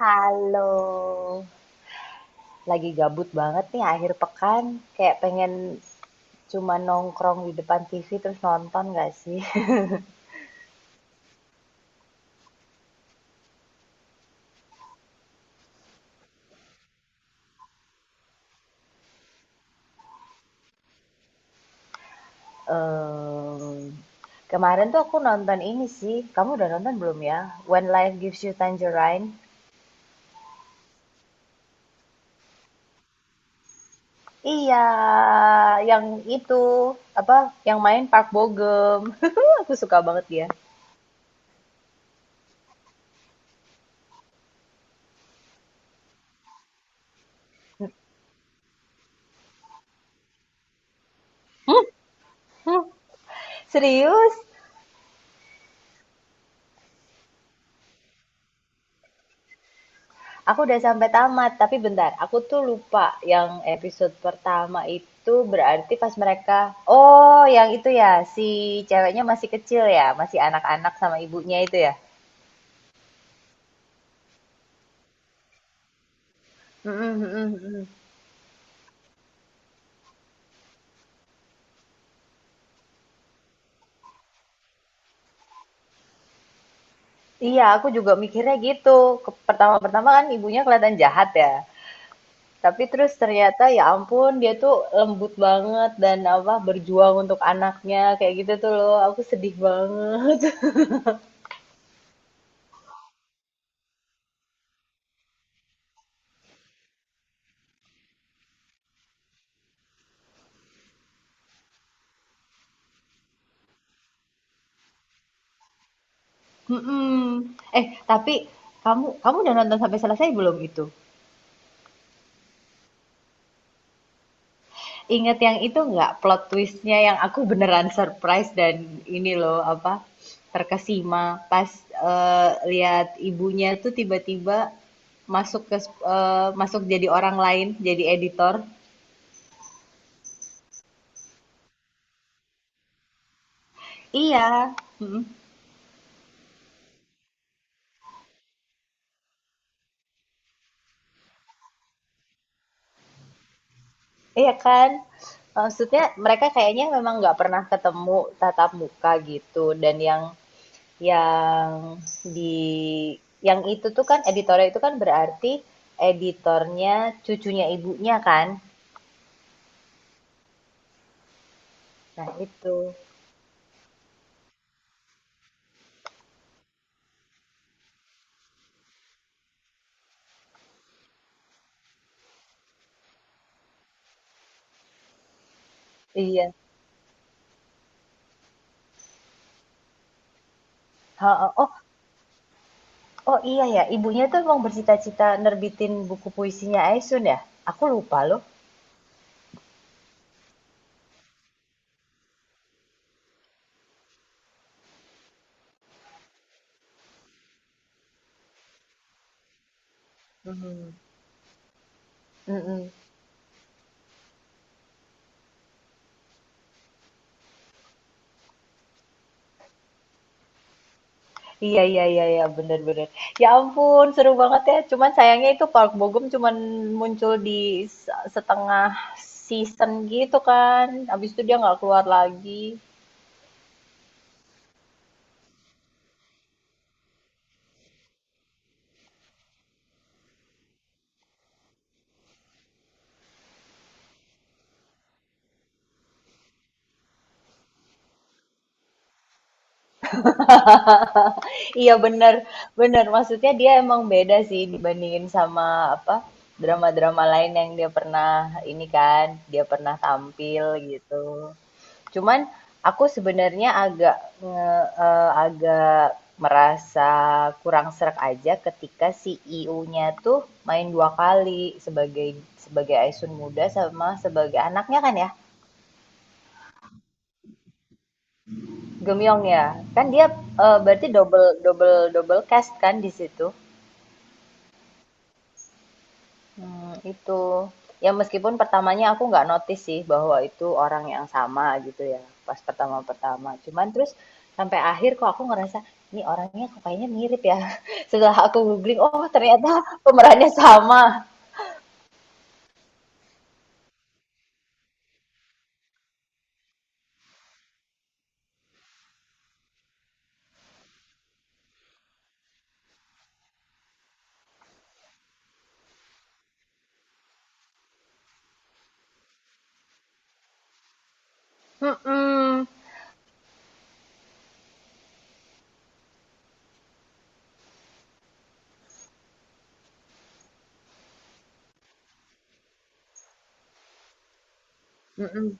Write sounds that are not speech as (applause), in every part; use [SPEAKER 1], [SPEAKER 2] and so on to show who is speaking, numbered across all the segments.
[SPEAKER 1] Halo, lagi gabut banget nih akhir pekan, kayak pengen cuma nongkrong di depan TV terus nonton gak sih? (laughs) Em, kemarin tuh aku nonton ini sih, kamu udah nonton belum ya? When Life Gives You Tangerine. Iya, yang itu apa? Yang main Park Bo Gum. (laughs) Aku suka banget dia. (laughs) Serius? Aku udah sampai tamat, tapi bentar, aku tuh lupa yang episode pertama itu berarti pas mereka, oh yang itu ya, si ceweknya masih kecil ya, masih anak-anak sama ibunya itu ya. Mm-mm, mm-mm, mm-mm. Iya, aku juga mikirnya gitu. Pertama-pertama kan ibunya kelihatan jahat ya. Tapi terus ternyata ya ampun dia tuh lembut banget dan apa berjuang untuk anaknya kayak gitu tuh loh. Aku sedih banget. (laughs) Mhm. Eh, tapi kamu kamu udah nonton sampai selesai belum itu? Ingat yang itu nggak, plot twistnya yang aku beneran surprise dan ini loh apa, terkesima pas lihat ibunya tuh tiba-tiba masuk jadi orang lain, jadi editor. Iya, mm-mm. Iya kan? Maksudnya mereka kayaknya memang nggak pernah ketemu tatap muka gitu, dan yang di yang itu tuh kan editornya, itu kan berarti editornya cucunya ibunya kan. Nah, itu. Iya. Heeh. Oh, oh iya ya, ibunya tuh emang bercita-cita nerbitin buku puisinya Aisun ya? Aku lupa loh. Mhm. Mhm. Iya, iya, iya, iya, bener, bener. Ya ampun, seru banget ya. Cuman sayangnya itu Park Bogum Gum cuman muncul di setengah season gitu kan. Habis itu dia nggak keluar lagi. Iya bener, bener. Maksudnya dia emang beda sih dibandingin sama apa drama-drama lain yang dia pernah ini kan, dia pernah tampil gitu. Cuman aku sebenarnya agak merasa kurang serak aja ketika CEO-nya tuh main dua kali sebagai sebagai Aisun muda sama sebagai anaknya kan ya, Gemyong ya. Kan dia berarti double double double cast kan di situ. Itu. Ya meskipun pertamanya aku nggak notice sih bahwa itu orang yang sama gitu ya, pas pertama-pertama. Cuman terus sampai akhir kok aku ngerasa, "Ini orangnya kok kayaknya mirip ya?" (laughs) Setelah aku googling, oh ternyata pemerannya sama. Mhm, mhm.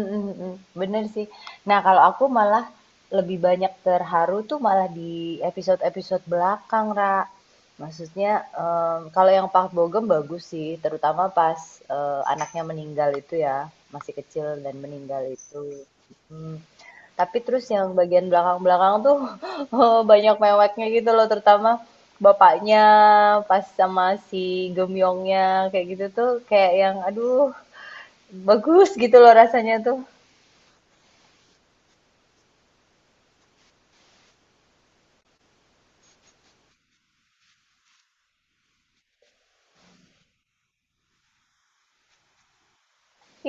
[SPEAKER 1] Mhm, mhm, bener sih. Nah, kalau aku malah lebih banyak terharu tuh malah di episode-episode belakang, Ra. Maksudnya, kalau yang Park Bo Gum bagus sih, terutama pas, anaknya meninggal itu ya, masih kecil dan meninggal itu, mhm. Tapi terus yang bagian belakang-belakang tuh, (laughs) banyak meweknya gitu loh, terutama bapaknya pas sama si Gemyongnya kayak gitu tuh kayak yang aduh, bagus gitu loh rasanya tuh.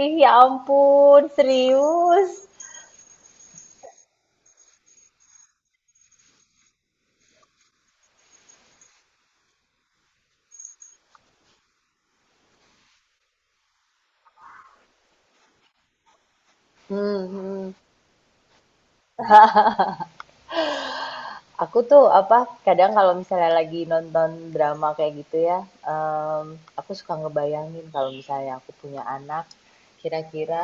[SPEAKER 1] Ih, ya ampun, serius. Hmm, hmm. Aku tuh apa, kadang kalau misalnya lagi nonton drama kayak gitu ya, em, aku suka ngebayangin kalau misalnya aku punya anak, kira-kira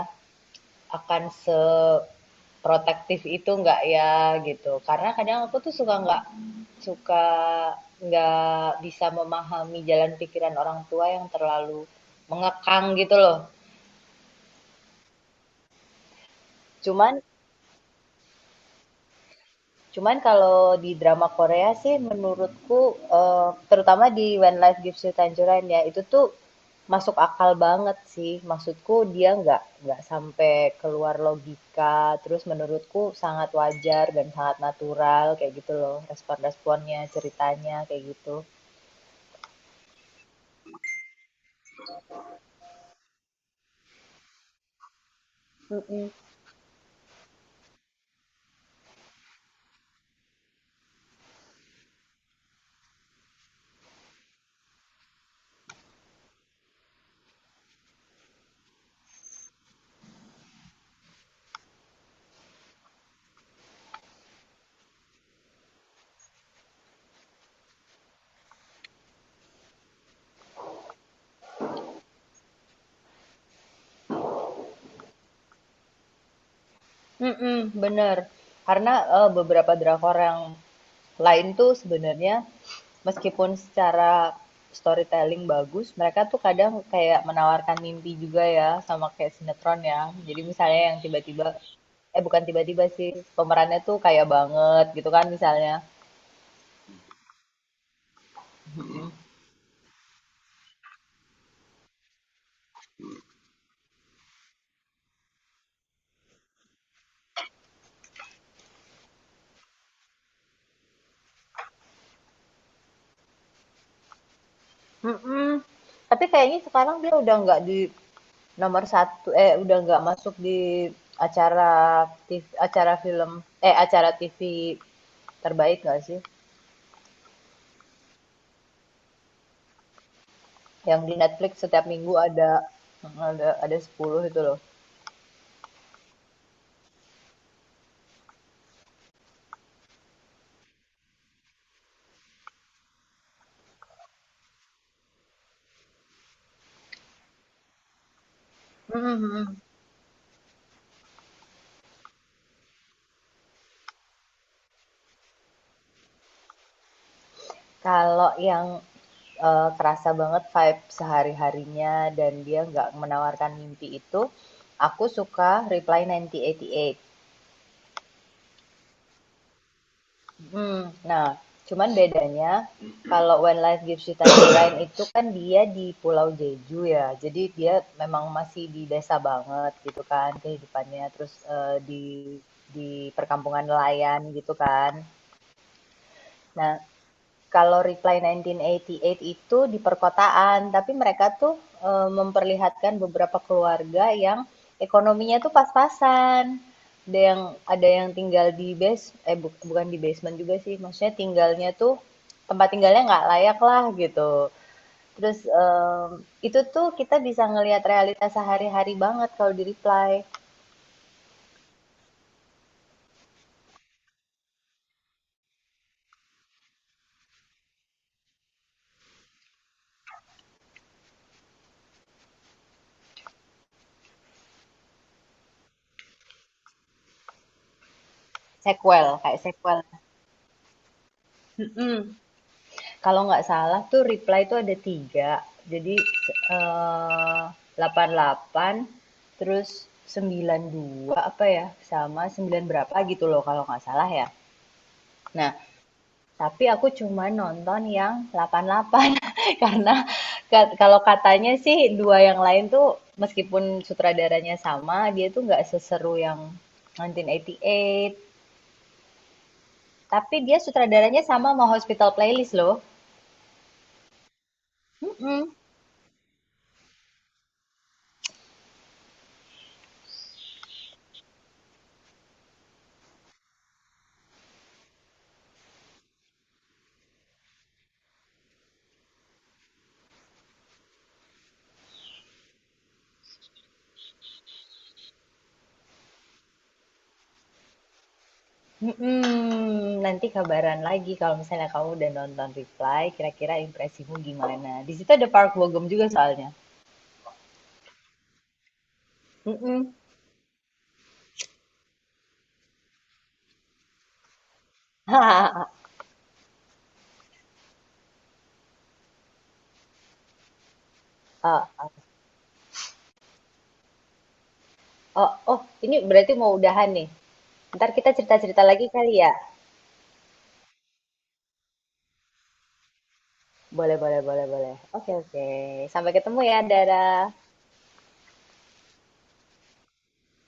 [SPEAKER 1] akan seprotektif itu nggak ya gitu. Karena kadang aku tuh suka nggak bisa memahami jalan pikiran orang tua yang terlalu mengekang gitu loh. Cuman Cuman kalau di drama Korea sih menurutku, terutama di When Life Gives You Tangerine ya, itu tuh masuk akal banget sih. Maksudku dia nggak sampai keluar logika, terus menurutku sangat wajar dan sangat natural kayak gitu loh, respon-responnya, ceritanya, kayak gitu. Mhm. Mhm, bener. Karena, beberapa drakor yang lain tuh sebenarnya meskipun secara storytelling bagus, mereka tuh kadang kayak menawarkan mimpi juga ya, sama kayak sinetron ya. Jadi misalnya yang tiba-tiba, eh, bukan tiba-tiba sih, pemerannya tuh kaya banget gitu kan misalnya. Mhm, tapi kayaknya sekarang dia udah nggak di nomor satu, eh, udah nggak masuk di acara tiv acara film eh, acara TV terbaik nggak sih? Yang di Netflix setiap minggu ada 10 itu loh. Mm-hmm. Kalau kerasa banget vibe sehari-harinya dan dia nggak menawarkan mimpi itu, aku suka Reply 1988. Nah, cuman bedanya kalau When Life Gives You Tangerine (coughs) itu kan dia di Pulau Jeju ya. Jadi dia memang masih di desa banget gitu kan kehidupannya, terus di perkampungan nelayan gitu kan. Nah, kalau Reply 1988 itu di perkotaan, tapi mereka tuh memperlihatkan beberapa keluarga yang ekonominya tuh pas-pasan. Ada yang ada yang tinggal di base eh buk bukan di basement juga sih, maksudnya tinggalnya tuh tempat tinggalnya nggak layak lah gitu. Terus, itu tuh kita bisa ngelihat realitas sehari-hari banget kalau di Reply. Sequel, kayak sequel. Mhm. Kalau nggak salah tuh reply tuh ada tiga. Jadi eh, 88, terus 92 apa ya, sama 9 berapa gitu loh kalau nggak salah ya. Nah, tapi aku cuma nonton yang 88 (laughs) karena kalau katanya sih dua yang lain tuh meskipun sutradaranya sama, dia tuh nggak seseru yang 1988, tapi dia sutradaranya sama sama Hospital Playlist loh. Mm-mm. Mhm, nanti kabaran lagi kalau misalnya kamu udah nonton Reply, kira-kira impresimu gimana? Di situ ada Park Bo Gum juga soalnya. Mhm. Oh, (laughs) oh, ini berarti mau udahan nih. Ntar kita cerita-cerita lagi kali ya? Boleh, boleh, boleh, boleh. Oke, oke. Sampai ketemu ya, Dara.